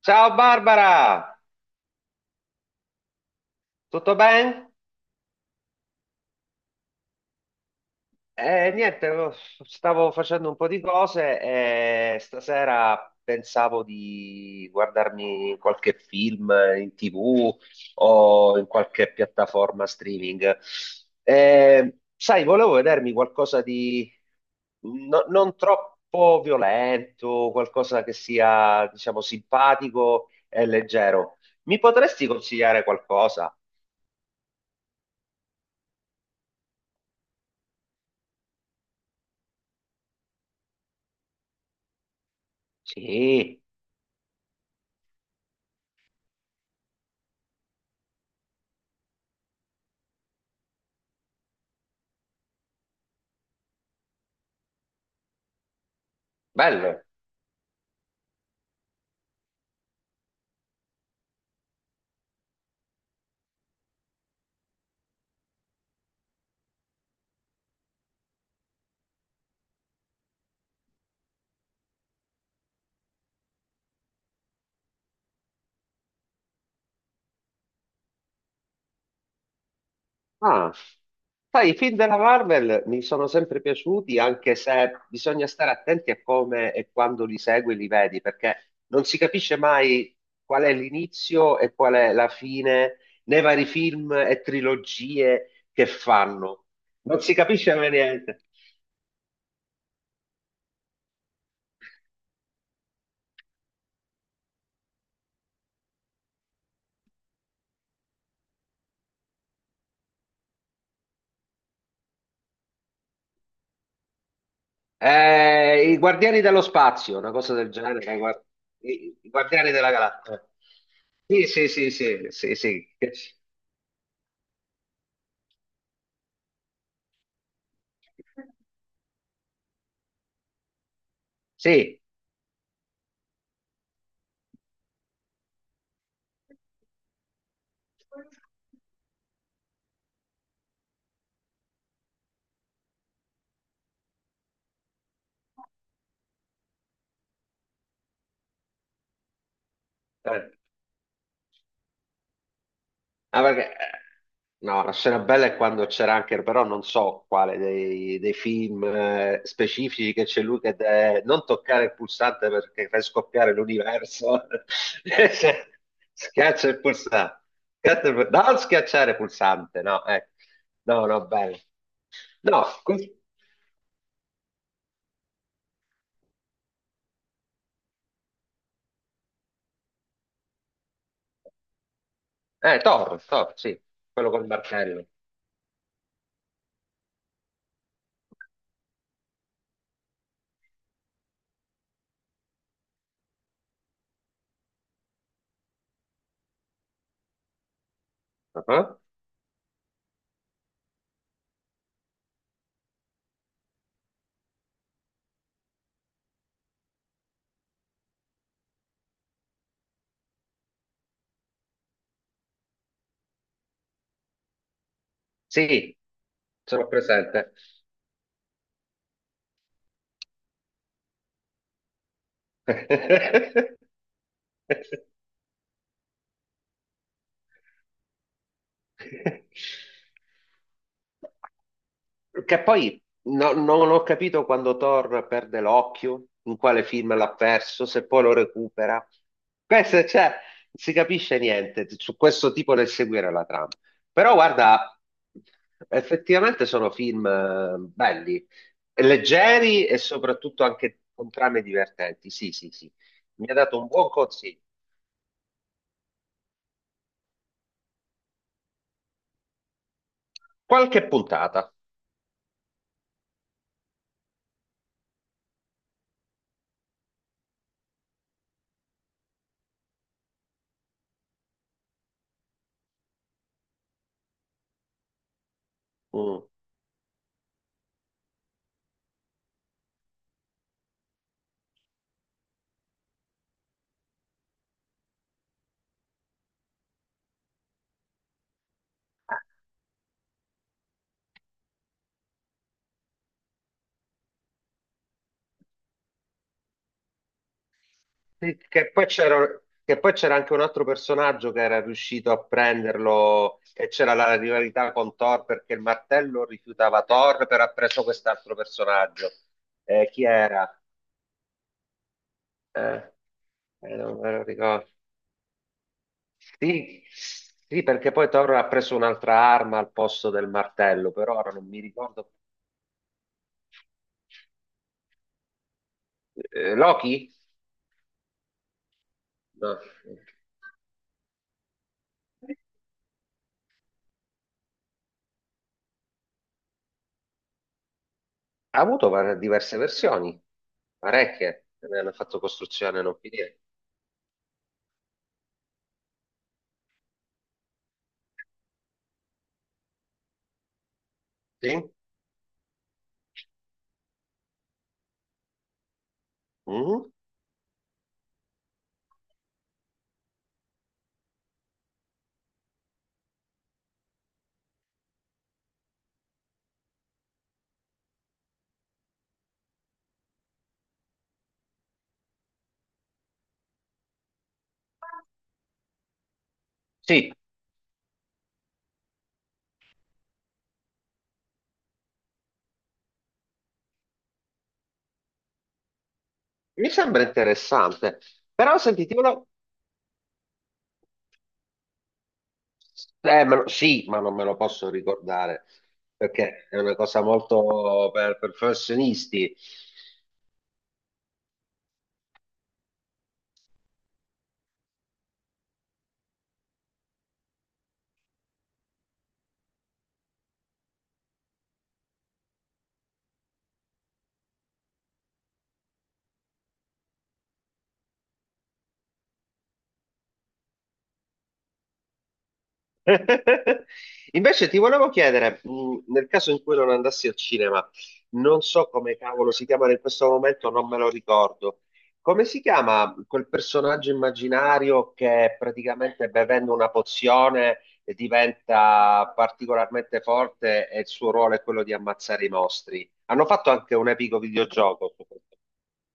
Ciao Barbara, tutto bene? Niente, lo- Stavo facendo un po' di cose e stasera pensavo di guardarmi qualche film in TV o in qualche piattaforma streaming. Sai, volevo vedermi qualcosa di non troppo violento, qualcosa che sia, diciamo, simpatico e leggero. Mi potresti consigliare qualcosa? Sì, bello. Ah, sai, i film della Marvel mi sono sempre piaciuti, anche se bisogna stare attenti a come e quando li segui e li vedi, perché non si capisce mai qual è l'inizio e qual è la fine nei vari film e trilogie che fanno. Non si capisce mai niente. I Guardiani dello Spazio, una cosa del genere, i Guardiani della Galassia. Sì, sì, sì, sì, sì, sì. Sì. Eh. Ah, perché, no, la scena bella è quando c'era anche, però non so quale dei film specifici, che c'è lui che deve non toccare il pulsante perché fai scoppiare l'universo. Se- Schiaccia il pulsante. Non schiacciare il pulsante, no, eh. No, no, bello. No, que- Thor, sì, quello col martello. Ah, sì, sono presente. Che poi non ho capito quando Thor perde l'occhio, in quale film l'ha perso, se poi lo recupera. Questo, cioè, non si capisce niente su questo tipo nel seguire la trama. Però guarda, effettivamente sono film belli, leggeri e soprattutto anche con trame divertenti. Sì, sì, sì. Mi ha dato un buon consiglio. Qualche puntata. Mm. Sì. Che poi c'era anche un altro personaggio che era riuscito a prenderlo e c'era la rivalità con Thor perché il martello rifiutava Thor, però ha preso quest'altro personaggio. Chi era? Eh, non me lo ricordo. Sì, sì, perché poi Thor ha preso un'altra arma al posto del martello, però ora non mi ricordo. Loki? No. Diverse versioni, parecchie, ne hanno fatto costruzione non finire. Sì? Mhm. Sì, mi sembra interessante, però sentite, sì, ma non me lo posso ricordare perché è una cosa molto per professionisti. Invece ti volevo chiedere, nel caso in cui non andassi al cinema, non so come cavolo si chiamano in questo momento, non me lo ricordo. Come si chiama quel personaggio immaginario che praticamente bevendo una pozione diventa particolarmente forte e il suo ruolo è quello di ammazzare i mostri? Hanno fatto anche un epico videogioco su questo.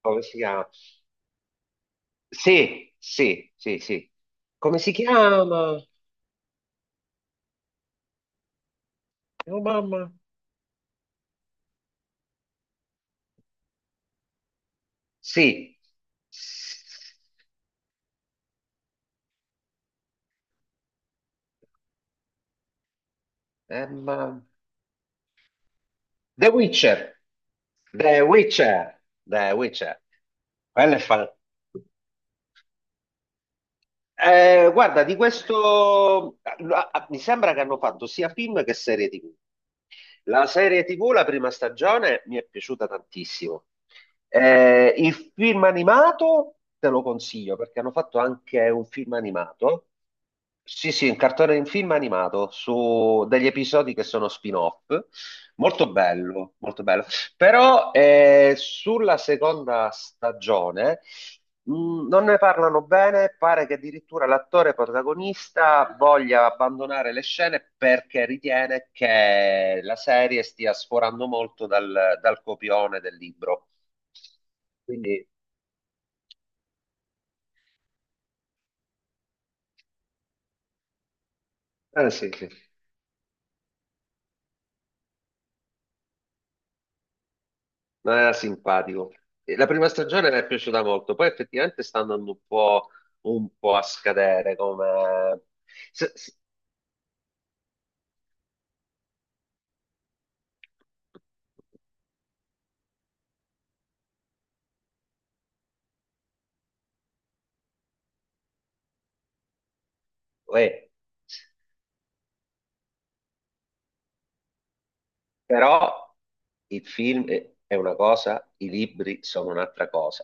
Come si chiama? Sì, sì, sì, sì. Come si chiama? Oh mamma. Sì. Eh, ma- The Witcher, The Witcher, The Witcher. Quello è fan- guarda, di questo ah, ah, mi sembra che hanno fatto sia film che serie TV. La serie TV, la prima stagione, mi è piaciuta tantissimo. Il film animato te lo consiglio perché hanno fatto anche un film animato. Sì, sì, un cartone in film animato su degli episodi che sono spin-off. Molto bello, molto bello. Però sulla seconda stagione non ne parlano bene, pare che addirittura l'attore protagonista voglia abbandonare le scene perché ritiene che la serie stia sforando molto dal copione del libro. Quindi, sì, sì, non era simpatico. E la prima stagione mi è piaciuta molto, poi effettivamente sta andando un po' a scadere come... se- se- uè, però il film è una cosa, i libri sono un'altra cosa.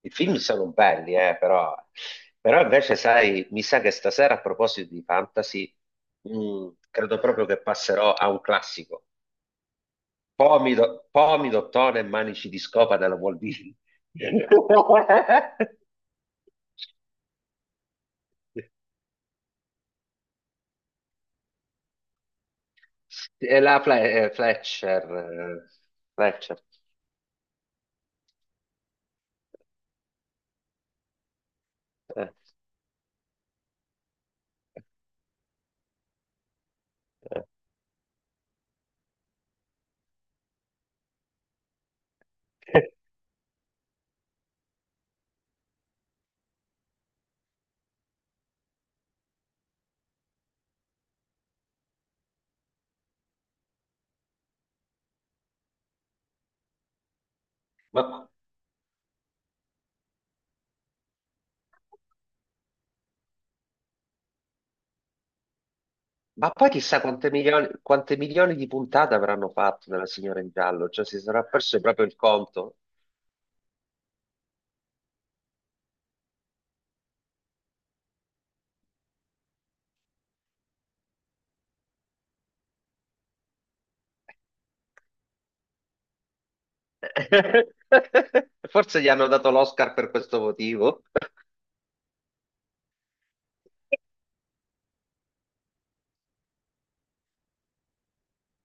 I film sono belli, però, però invece, sai, mi sa che stasera a proposito di fantasy, credo proprio che passerò a un classico. Pomido, Tone e Manici di Scopa della Walt Disney. Fletcher, Fletcher. Eh, eh. Ma, Ma poi chissà quante milioni di puntate avranno fatto della Signora in Giallo, cioè si sarà perso proprio il conto. Forse gli hanno dato l'Oscar per questo motivo.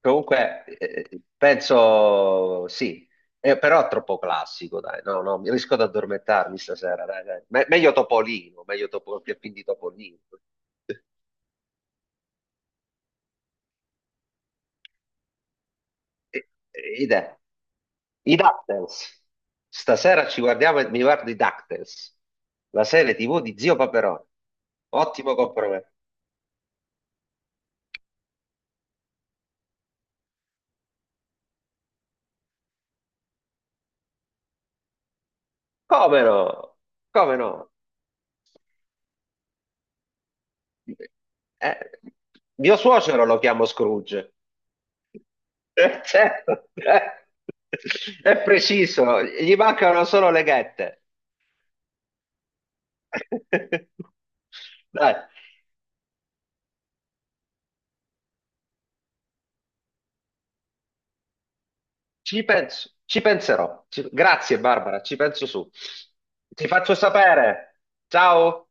Comunque, penso sì, però è troppo classico, dai. No, no, mi rischio di addormentarmi stasera, dai, dai. Meglio Topolino, che film di Topolino. Idea. I DuckTales. Stasera ci guardiamo e mi guardo i DuckTales, la serie TV di Zio Paperone. Ottimo compromesso. Come no? Come no? Eh, mio suocero lo chiamo Scrooge. Certo. È preciso, gli mancano solo le ghette. Dai, ci penso, ci penserò. Grazie Barbara, ci penso su. Ti faccio sapere. Ciao.